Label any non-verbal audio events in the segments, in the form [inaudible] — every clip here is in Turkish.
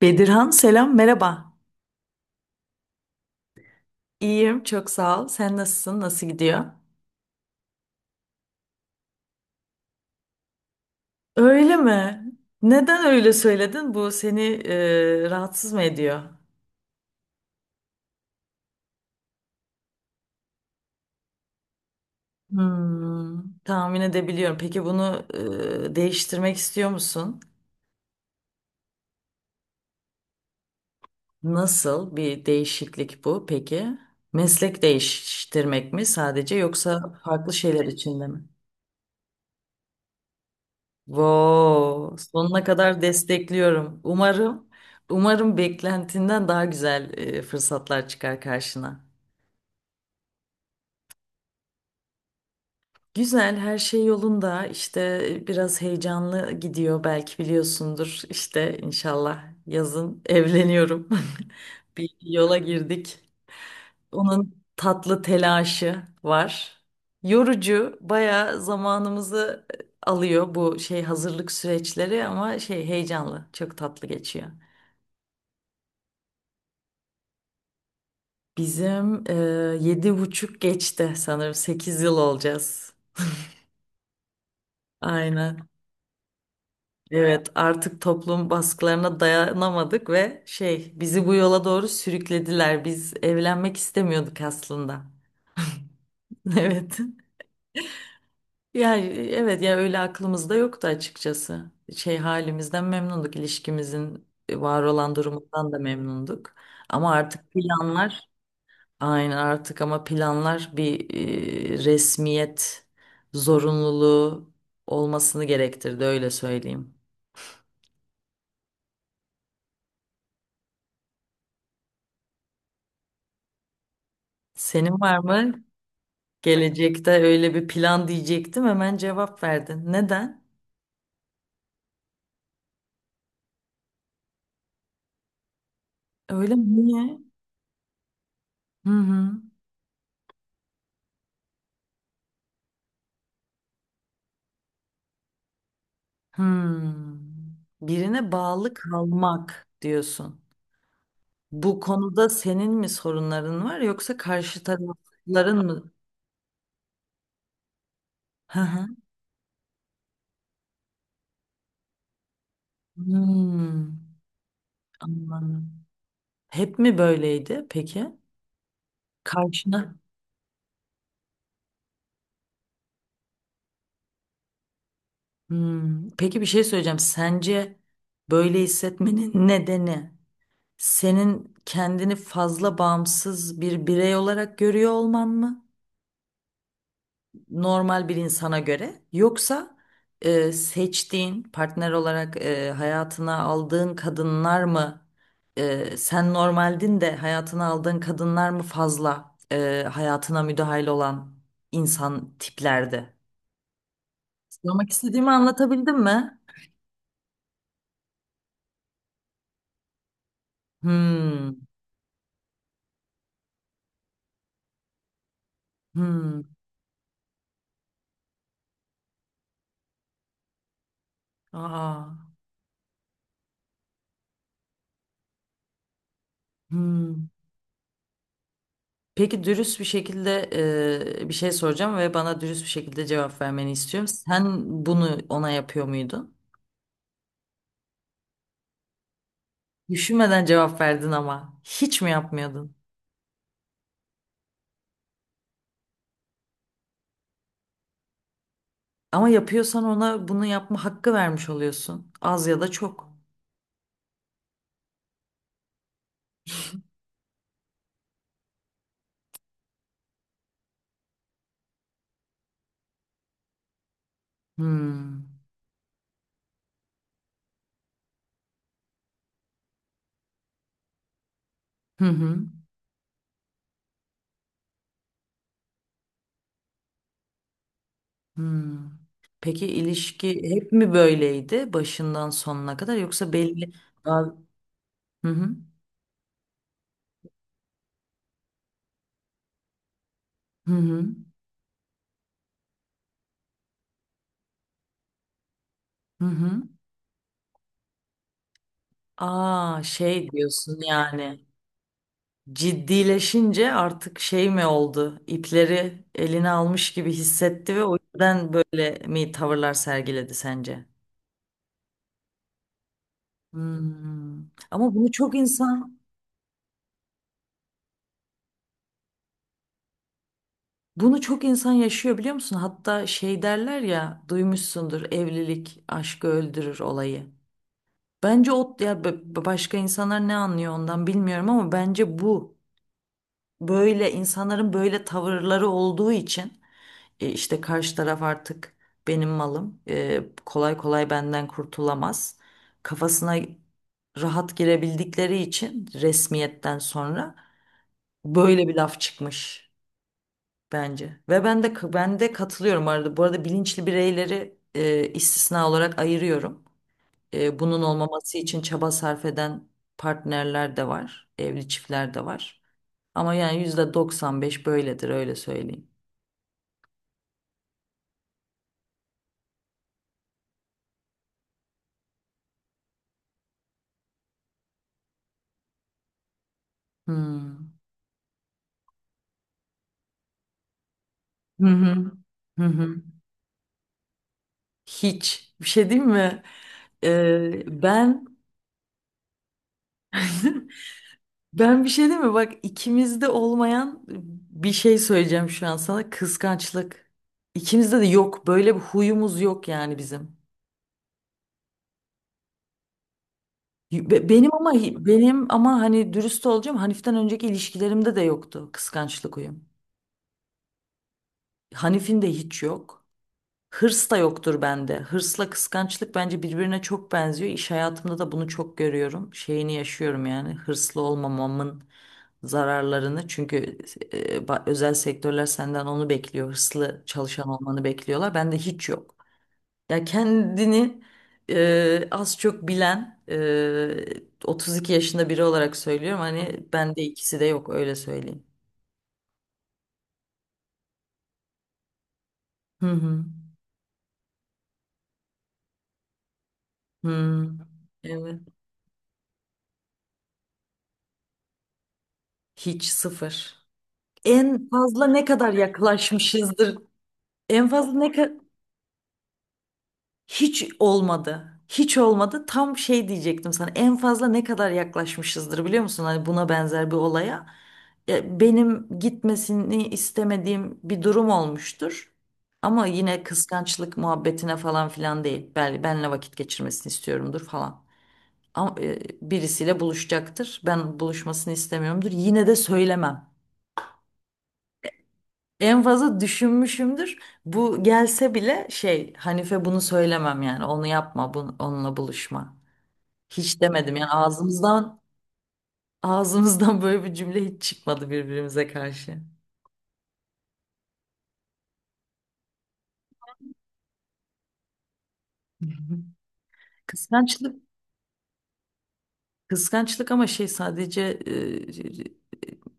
Bedirhan selam merhaba. İyiyim çok sağ ol. Sen nasılsın? Nasıl gidiyor? Öyle mi? Neden öyle söyledin? Bu seni rahatsız mı ediyor? Tahmin edebiliyorum. Peki bunu değiştirmek istiyor musun? Nasıl bir değişiklik bu peki? Meslek değiştirmek mi sadece yoksa farklı şeyler içinde mi? Wow, sonuna kadar destekliyorum. Umarım beklentinden daha güzel fırsatlar çıkar karşına. Güzel, her şey yolunda. İşte biraz heyecanlı gidiyor, belki biliyorsundur. İşte inşallah yazın evleniyorum. [laughs] Bir yola girdik. Onun tatlı telaşı var. Yorucu, bayağı zamanımızı alıyor bu şey hazırlık süreçleri ama şey heyecanlı, çok tatlı geçiyor. Bizim 7,5 geçti sanırım. 8 yıl olacağız. Aynen. Evet, artık toplum baskılarına dayanamadık ve şey bizi bu yola doğru sürüklediler. Biz evlenmek istemiyorduk aslında. [laughs] Evet. Yani evet ya öyle aklımızda yoktu açıkçası. Şey halimizden memnunduk, ilişkimizin var olan durumundan da memnunduk. Ama artık planlar. Aynen artık ama planlar bir resmiyet zorunluluğu olmasını gerektirdi öyle söyleyeyim. Senin var mı? Gelecekte öyle bir plan diyecektim hemen cevap verdin. Neden? Öyle mi? Niye? Hı hı. Hmm. Birine bağlı kalmak diyorsun. Bu konuda senin mi sorunların var yoksa karşı tarafların mı? Hı hı. Hmm. Anladım. Hep mi böyleydi peki? Karşına. Peki bir şey söyleyeceğim. Sence böyle hissetmenin nedeni senin kendini fazla bağımsız bir birey olarak görüyor olman mı? Normal bir insana göre. Yoksa seçtiğin partner olarak hayatına aldığın kadınlar mı? Sen normaldin de hayatına aldığın kadınlar mı fazla hayatına müdahil olan insan tiplerdi? Sormak istediğimi anlatabildim mi? Hmm. Hmm, aa, hmm. Peki dürüst bir şekilde bir şey soracağım ve bana dürüst bir şekilde cevap vermeni istiyorum. Sen bunu ona yapıyor muydun? Düşünmeden cevap verdin ama hiç mi yapmıyordun? Ama yapıyorsan ona bunu yapma hakkı vermiş oluyorsun. Az ya da çok. Hmm. Hı hı. Hmm. Peki ilişki hep mi böyleydi başından sonuna kadar yoksa belli. Baz- Hı hı. Hı hı. Hı hı. Aa şey diyorsun yani. Ciddileşince artık şey mi oldu? İpleri eline almış gibi hissetti ve o yüzden böyle mi tavırlar sergiledi sence? Hmm. Ama bunu çok insan Bunu çok insan yaşıyor biliyor musun? Hatta şey derler ya duymuşsundur evlilik aşkı öldürür olayı. Bence o ya başka insanlar ne anlıyor ondan bilmiyorum ama bence bu böyle insanların böyle tavırları olduğu için. İşte karşı taraf artık benim malım. Kolay kolay benden kurtulamaz. Kafasına rahat girebildikleri için resmiyetten sonra böyle bir laf çıkmış bence. Ve ben de katılıyorum arada. Bu arada bilinçli bireyleri istisna olarak ayırıyorum. Bunun olmaması için çaba sarf eden partnerler de var, evli çiftler de var. Ama yani %95 böyledir öyle söyleyeyim. Hmm. Hı hı. Hı hı. Hiç. Bir şey diyeyim mi? Ben [laughs] ben bir şey diyeyim mi? Bak ikimizde olmayan bir şey söyleyeceğim şu an sana. Kıskançlık. İkimizde de yok. Böyle bir huyumuz yok yani bizim. Be- Benim ama benim ama hani dürüst olacağım. Hanif'ten önceki ilişkilerimde de yoktu kıskançlık huyum. Hanif'in de hiç yok. Hırs da yoktur bende. Hırsla kıskançlık bence birbirine çok benziyor. İş hayatımda da bunu çok görüyorum. Şeyini yaşıyorum yani. Hırslı olmamamın zararlarını çünkü özel sektörler senden onu bekliyor. Hırslı çalışan olmanı bekliyorlar. Bende hiç yok. Ya kendini az çok bilen 32 yaşında biri olarak söylüyorum. Hani bende ikisi de yok öyle söyleyeyim. Hı hı. Hı. Evet. Hiç sıfır. En fazla ne kadar yaklaşmışızdır? En fazla ne kadar Hiç olmadı. Hiç olmadı. Tam şey diyecektim sana. En fazla ne kadar yaklaşmışızdır biliyor musun? Hani buna benzer bir olaya. Ya benim gitmesini istemediğim bir durum olmuştur. Ama yine kıskançlık muhabbetine falan filan değil. Benle vakit geçirmesini istiyorumdur falan. Ama birisiyle buluşacaktır. Ben buluşmasını istemiyorumdur. Yine de söylemem. En fazla düşünmüşümdür. Bu gelse bile şey Hanife bunu söylemem yani. Onu yapma, bunu, onunla buluşma. Hiç demedim yani ağzımızdan böyle bir cümle hiç çıkmadı birbirimize karşı. [laughs] Hı hı. Kıskançlık kıskançlık ama şey sadece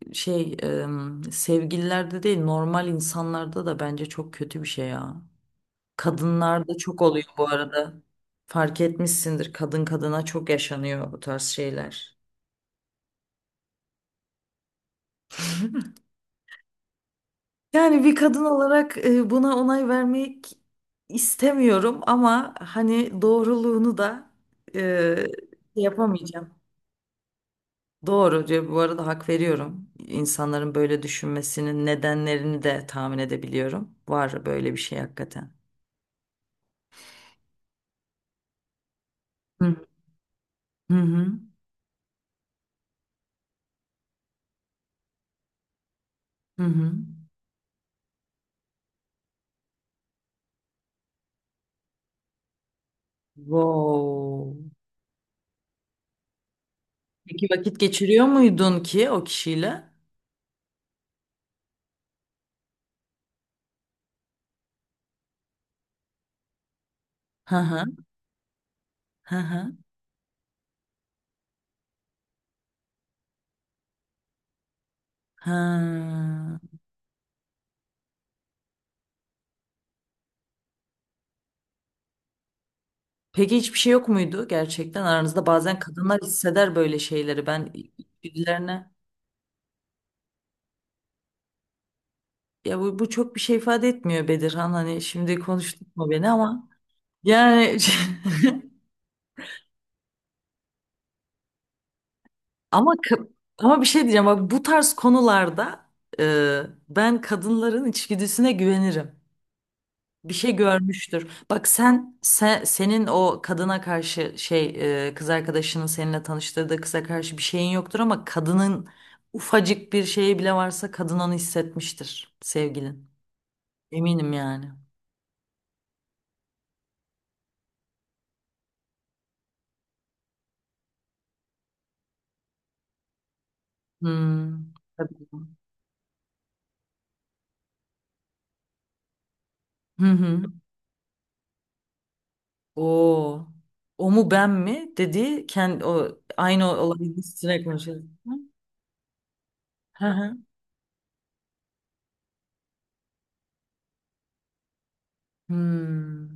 şey sevgililerde değil normal insanlarda da bence çok kötü bir şey ya. Kadınlarda çok oluyor bu arada. Fark etmişsindir kadın kadına çok yaşanıyor bu tarz şeyler. Yani bir kadın olarak buna onay vermek istemiyorum ama hani doğruluğunu da e, yapamayacağım. Doğru diyor. Bu arada hak veriyorum. İnsanların böyle düşünmesinin nedenlerini de tahmin edebiliyorum. Var böyle bir şey hakikaten. Hı hı hı. Hı hı. Wow. Peki vakit geçiriyor muydun ki o kişiyle? Hı hı. Hı hı. Ha. Peki hiçbir şey yok muydu gerçekten aranızda? Bazen kadınlar hisseder böyle şeyleri. Ben içgüdülerine ya bu çok bir şey ifade etmiyor Bedirhan. Hani şimdi konuştuk mu beni ama yani [laughs] ama ka- ama bir şey diyeceğim bak bu tarz konularda e, ben kadınların içgüdüsüne güvenirim. Bir şey görmüştür. Bak sen senin o kadına karşı şey kız arkadaşının seninle tanıştırdığı kıza karşı bir şeyin yoktur ama kadının ufacık bir şeyi bile varsa kadın onu hissetmiştir sevgilin. Eminim yani. Hmm. Tabii. Hı hı. O o mu ben mi dedi kendi. O aynı olayın üstüne konuşuyoruz. Hı hı. Hmm.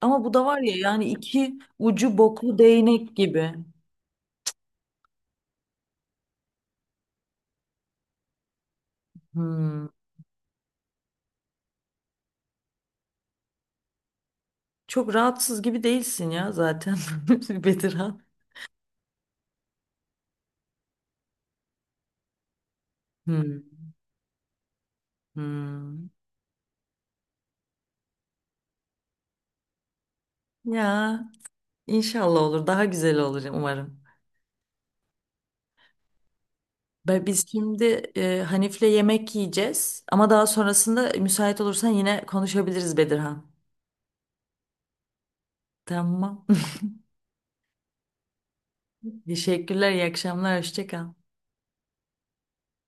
Ama bu da var ya yani iki ucu boklu değnek gibi. Hmm. Çok rahatsız gibi değilsin ya zaten. [laughs] Bedirhan. Hmm, hmm. Ya inşallah olur. Daha güzel olur umarım. Biz şimdi Hanif'le yemek yiyeceğiz. Ama daha sonrasında müsait olursan yine konuşabiliriz Bedirhan. Tamam. [laughs] Teşekkürler. İyi akşamlar. Hoşça kal.